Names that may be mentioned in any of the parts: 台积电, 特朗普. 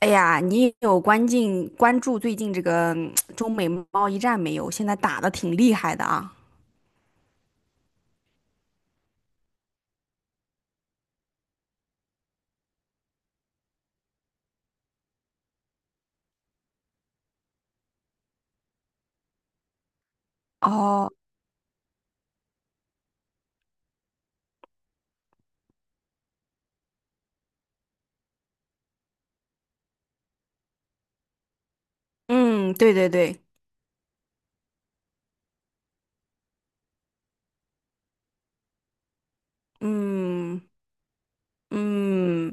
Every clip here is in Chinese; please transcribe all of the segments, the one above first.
哎呀，你有关关注最近这个中美贸易战没有？现在打的挺厉害的啊。哦。嗯，对对对。嗯嗯。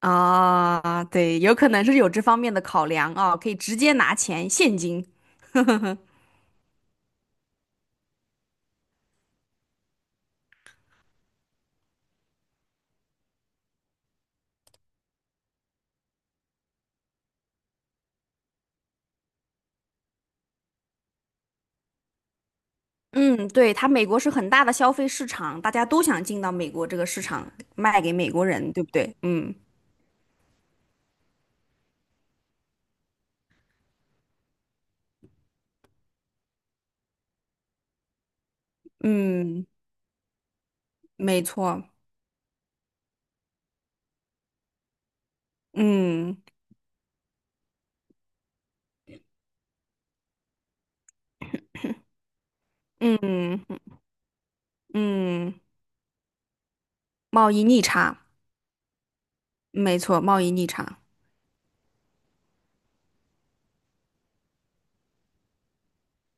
啊，对，有可能是有这方面的考量啊，可以直接拿钱现金。嗯，对，他美国是很大的消费市场，大家都想进到美国这个市场，卖给美国人，对不对？嗯。嗯，没错。嗯。嗯嗯。贸易逆差。没错，贸易逆差。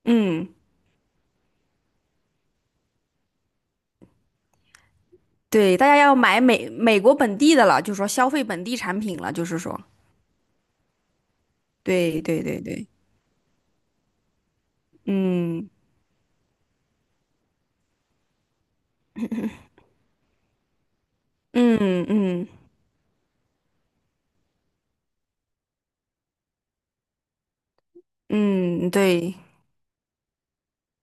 嗯，对，大家要买美国本地的了，就是说消费本地产品了，就是说。对对对对。嗯嗯嗯嗯。对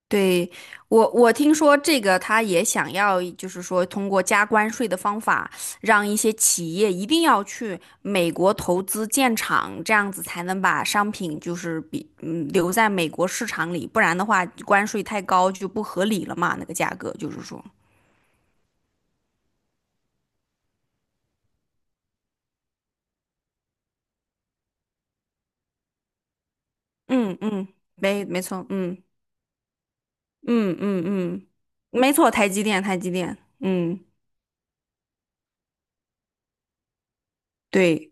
对，我听说这个他也想要，就是说通过加关税的方法，让一些企业一定要去美国投资建厂，这样子才能把商品就是留在美国市场里，不然的话关税太高就不合理了嘛，那个价格就是说。嗯嗯，没错。嗯嗯嗯。嗯，没错，台积电，台积电。嗯，对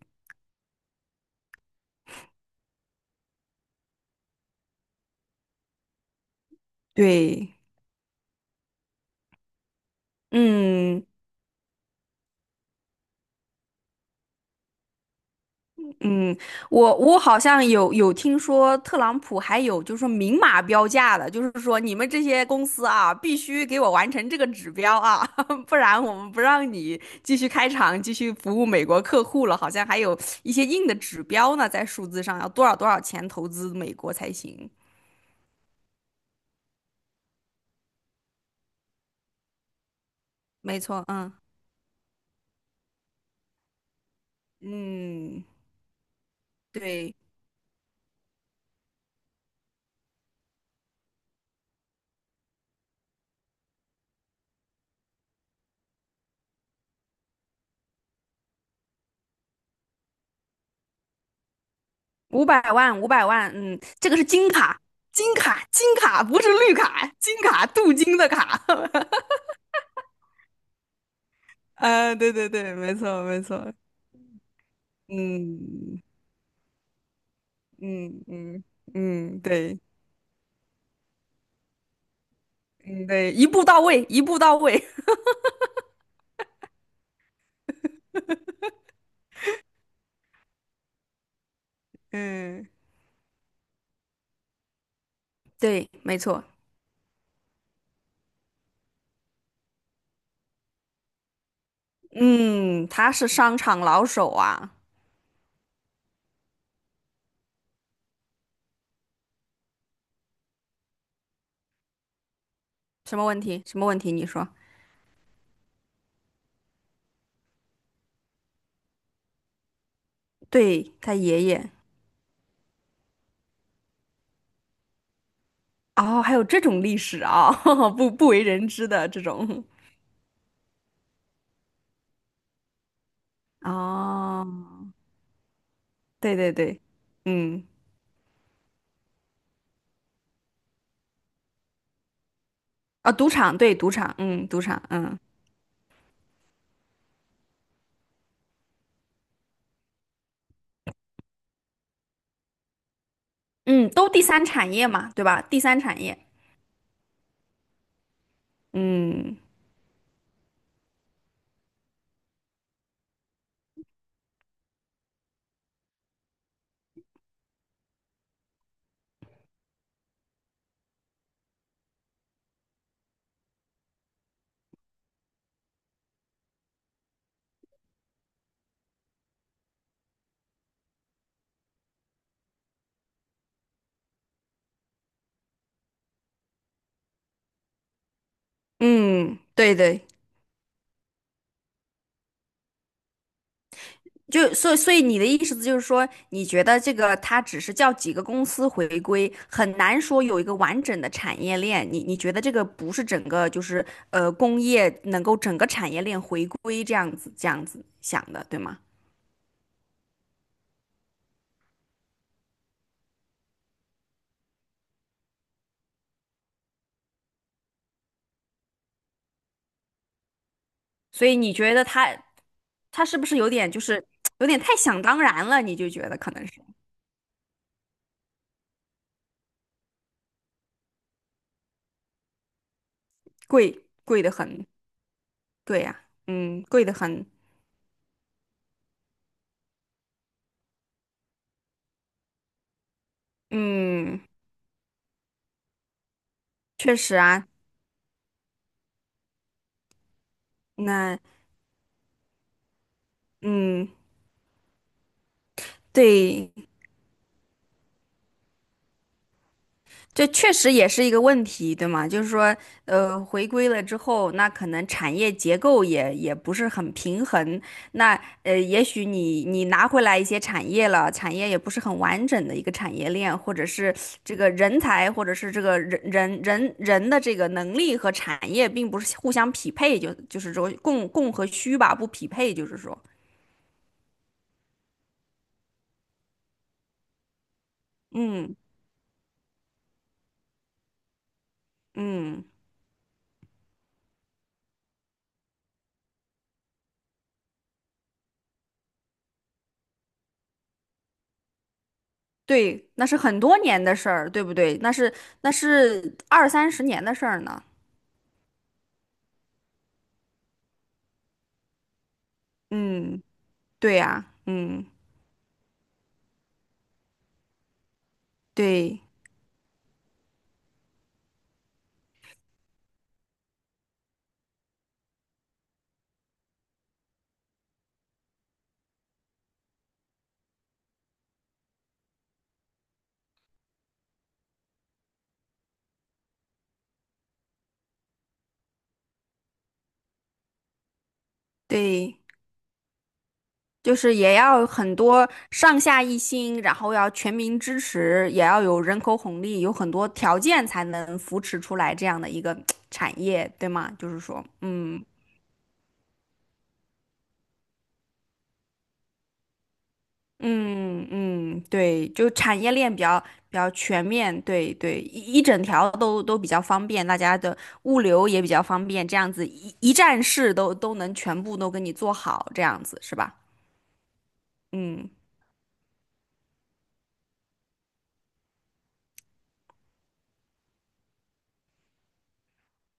对。嗯嗯，我好像有听说特朗普还有就是说明码标价的，就是说你们这些公司啊，必须给我完成这个指标啊，不然我们不让你继续开厂，继续服务美国客户了。好像还有一些硬的指标呢，在数字上要多少多少钱投资美国才行。没错。嗯嗯。对。五百万，五百万，嗯，这个是金卡。金卡，金卡，不是绿卡，金卡，镀金的卡。啊，对对对，没错没错。嗯嗯嗯嗯。对。嗯，对，一步到位，一步到位。嗯。对，没错。嗯，他是商场老手啊。什么问题？什么问题？你说。对，他爷爷。哦，还有这种历史啊，不为人知的这种。哦。对对对。嗯。啊，赌场，对，赌场，嗯，赌场。嗯嗯，都第三产业嘛，对吧？第三产业。嗯嗯，对对。就所以所以你的意思就是说，你觉得这个它只是叫几个公司回归，很难说有一个完整的产业链。你觉得这个不是整个就是工业能够整个产业链回归这样子这样子想的，对吗？所以你觉得他他是不是有点就是有点太想当然了？你就觉得可能是。贵贵的很。对呀、嗯，贵的很。嗯，确实啊。那嗯，对，这确实也是一个问题，对吗？就是说，回归了之后，那可能产业结构也也不是很平衡。那也许你你拿回来一些产业了，产业也不是很完整的一个产业链，或者是这个人才，或者是这个人人人人的这个能力和产业并不是互相匹配，就是说供和需吧，不匹配，就是说。嗯嗯。对，那是很多年的事儿，对不对？那是二三十年的事儿呢。嗯，对呀。嗯，对对，就是也要很多上下一心，然后要全民支持，也要有人口红利，有很多条件才能扶持出来这样的一个产业，对吗？就是说。嗯嗯嗯，对，就产业链比较比较全面，对对，一整条都都比较方便，大家的物流也比较方便，这样子一站式都都能全部都给你做好，这样子是吧？嗯。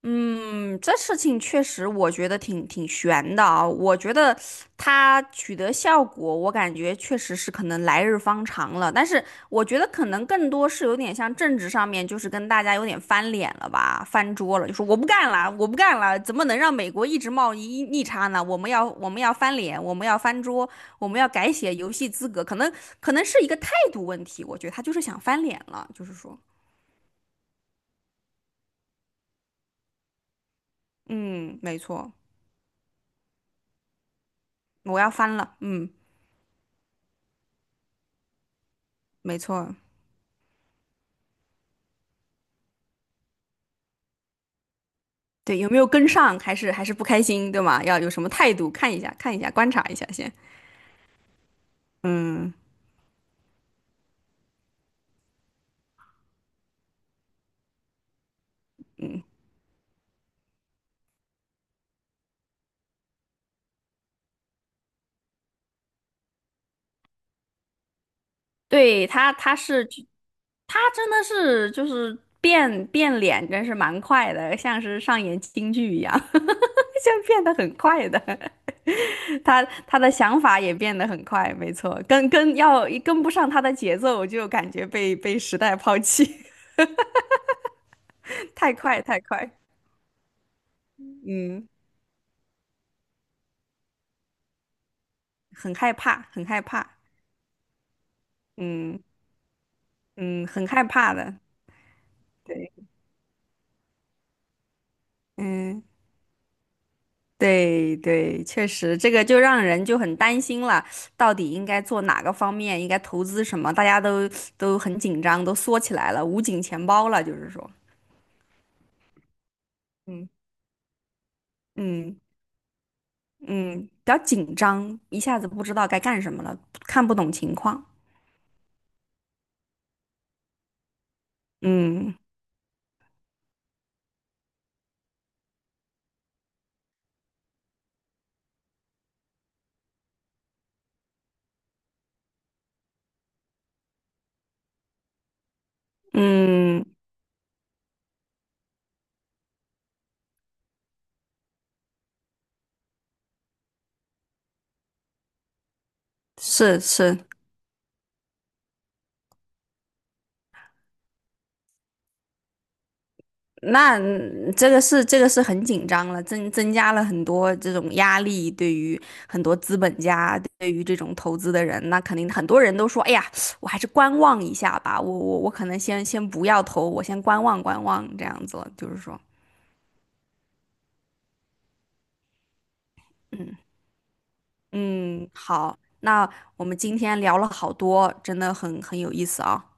嗯，这事情确实我觉得挺悬的啊。我觉得他取得效果，我感觉确实是可能来日方长了。但是我觉得可能更多是有点像政治上面，就是跟大家有点翻脸了吧，翻桌了，就说我不干了，我不干了，怎么能让美国一直贸易逆差呢？我们要翻脸，我们要翻桌，我们要改写游戏资格，可能可能是一个态度问题。我觉得他就是想翻脸了，就是说。嗯，没错。我要翻了。嗯，没错。对，有没有跟上，还是还是不开心，对吗？要有什么态度，看一下，看一下，观察一下先。嗯嗯，对他，他是他真的是就是变脸，真是蛮快的，像是上演京剧一样，像变得很快的。他他的想法也变得很快，没错，跟要跟不上他的节奏，我就感觉被时代抛弃。太快太快。嗯，很害怕，很害怕。嗯嗯，很害怕的。对。嗯，对对，确实，这个就让人就很担心了，到底应该做哪个方面，应该投资什么，大家都都很紧张，都缩起来了，捂紧钱包了，就是说。嗯。嗯嗯，比较紧张，一下子不知道该干什么了，看不懂情况。嗯嗯，是是。那嗯这个是这个是很紧张了，增加了很多这种压力，对于很多资本家，对于这种投资的人，那肯定很多人都说，哎呀，我还是观望一下吧，我我可能先不要投，我先观望观望这样子了就是说。嗯嗯，好，那我们今天聊了好多，真的很有意思啊。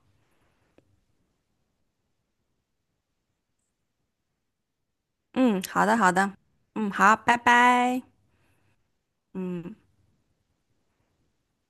嗯，好的好的。嗯好，拜拜。嗯。